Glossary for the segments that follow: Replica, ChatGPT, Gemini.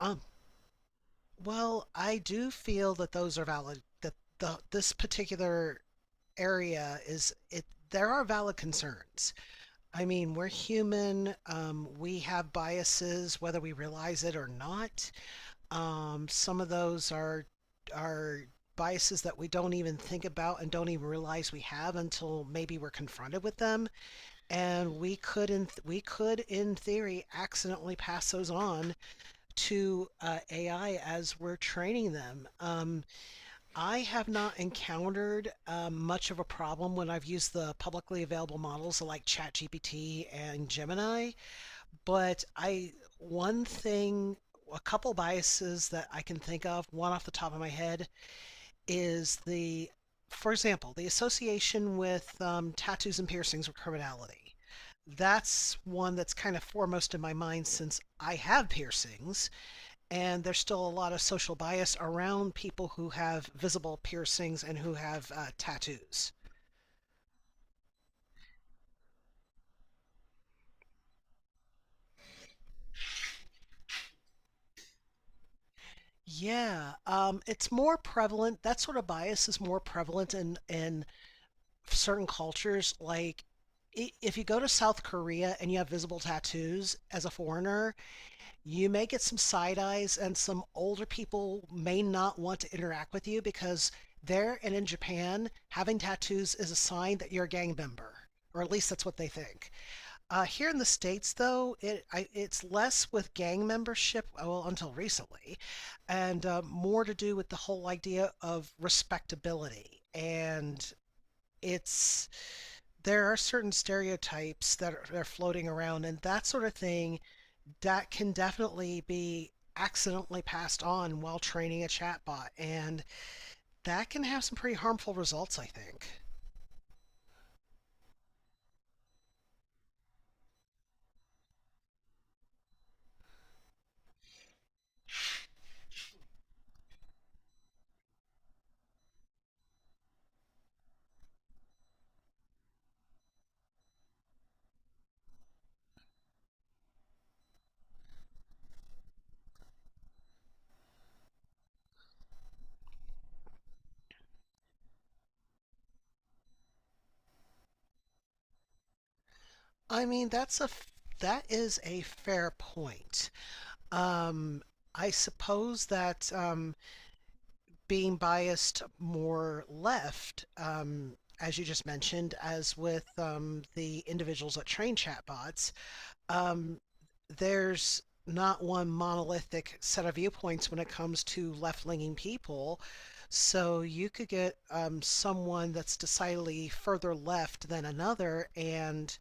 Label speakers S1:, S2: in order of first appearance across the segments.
S1: Um, well, I do feel that those are valid. That the this particular area is it. There are valid concerns. I mean, we're human. We have biases, whether we realize it or not. Some of those are are biases that we don't even think about and don't even realize we have until maybe we're confronted with them and we could in theory accidentally pass those on to AI as we're training them. I have not encountered much of a problem when I've used the publicly available models like ChatGPT and Gemini, but I one thing a couple biases that I can think of, one off the top of my head, is the, for example, the association with tattoos and piercings with criminality. That's one that's kind of foremost in my mind since I have piercings, and there's still a lot of social bias around people who have visible piercings and who have tattoos. Yeah, it's more prevalent. That sort of bias is more prevalent in certain cultures. Like, if you go to South Korea and you have visible tattoos as a foreigner, you may get some side eyes, and some older people may not want to interact with you because there and in Japan, having tattoos is a sign that you're a gang member, or at least that's what they think. Here in the states, though, it's less with gang membership, well, until recently, and more to do with the whole idea of respectability. And it's there are certain stereotypes that are floating around, and that sort of thing that can definitely be accidentally passed on while training a chatbot, and that can have some pretty harmful results, I think. I mean, that is a fair point. Um, I suppose that being biased more left, as you just mentioned, as with the individuals that train chatbots, um, there's not one monolithic set of viewpoints when it comes to left leaning people. So you could get someone that's decidedly further left than another, and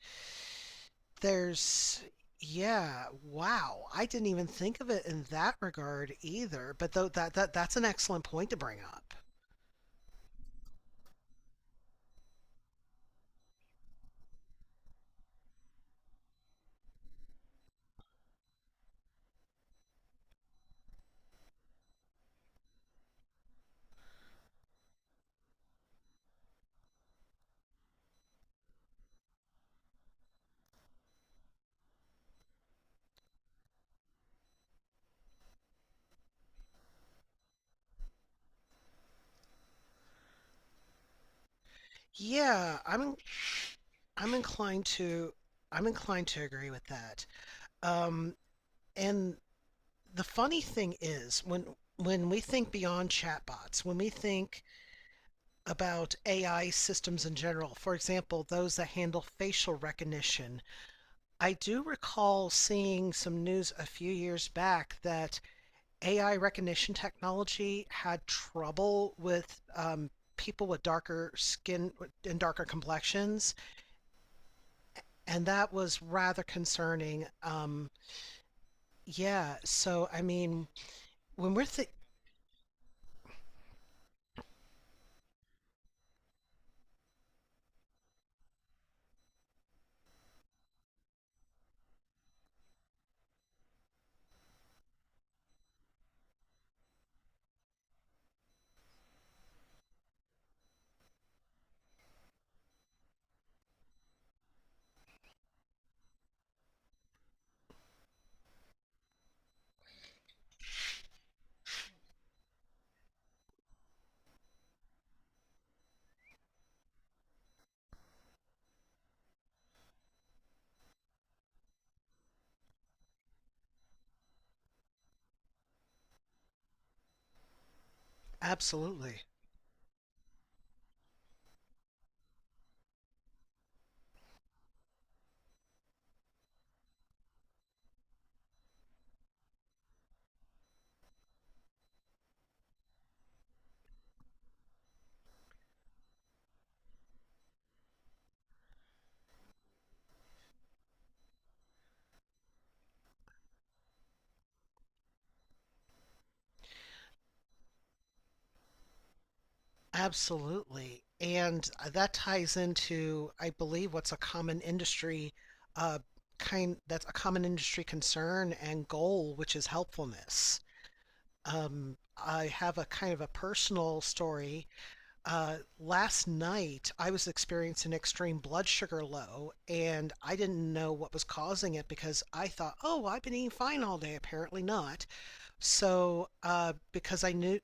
S1: there's, yeah, wow. I didn't even think of it in that regard either. But though that that that's an excellent point to bring up. Yeah, I'm inclined to I'm inclined to agree with that. Um, and the funny thing is when we think beyond chatbots, when we think about AI systems in general, for example, those that handle facial recognition, I do recall seeing some news a few years back that AI recognition technology had trouble with people with darker skin and darker complexions, and that was rather concerning. Yeah, so I mean, when we're th- absolutely, and that ties into, I believe, what's a common industry uh, kind that's a common industry concern and goal, which is helpfulness. Um, I have a kind of a personal story. Last night, I was experiencing an extreme blood sugar low, and I didn't know what was causing it because I thought, oh, well, I've been eating fine all day. Apparently not. So, because I knew,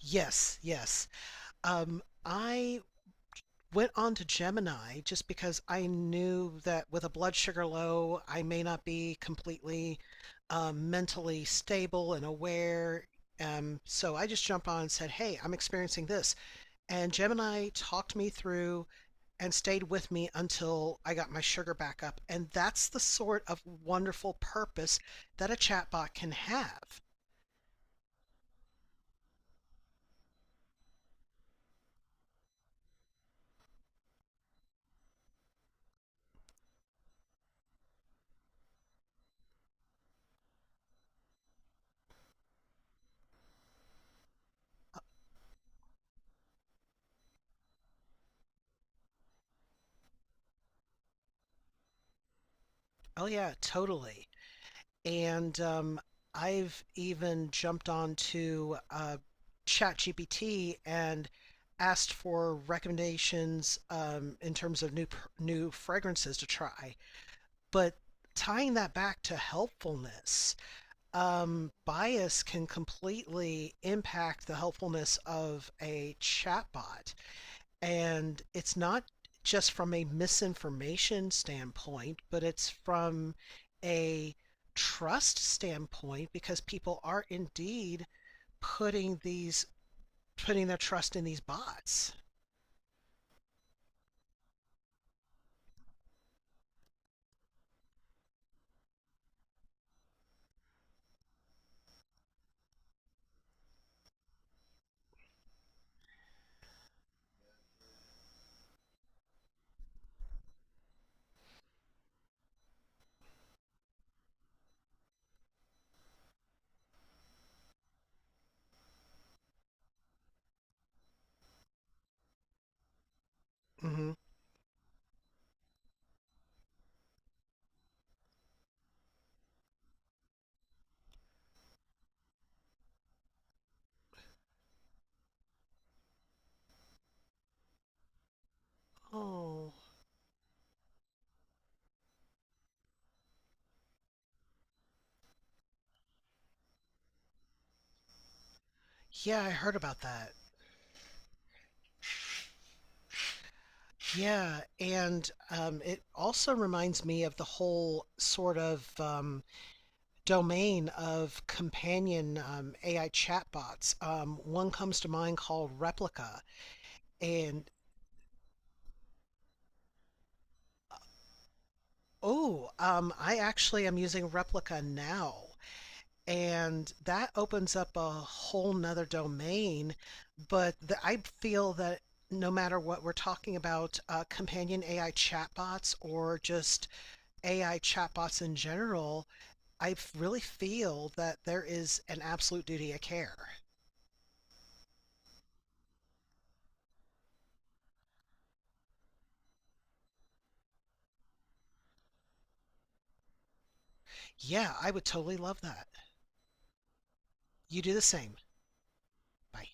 S1: yes, yes. I went on to Gemini just because I knew that with a blood sugar low, I may not be completely mentally stable and aware. So I just jumped on and said, hey, I'm experiencing this. And Gemini talked me through and stayed with me until I got my sugar back up. And that's the sort of wonderful purpose that a chatbot can have. Oh, yeah, totally. And I've even jumped on to ChatGPT and asked for recommendations in terms of new fragrances to try. But tying that back to helpfulness, bias can completely impact the helpfulness of a chatbot. And it's not just from a misinformation standpoint, but it's from a trust standpoint because people are indeed putting these putting their trust in these bots. Mm-hmm. Oh, yeah, I heard about that. Yeah, and it also reminds me of the whole sort of domain of companion AI chatbots. One comes to mind called Replica. And oh, I actually am using Replica now. And that opens up a whole nother domain. But I feel that no matter what we're talking about, companion AI chatbots or just AI chatbots in general, I really feel that there is an absolute duty of care. Yeah, I would totally love that. You do the same. Bye.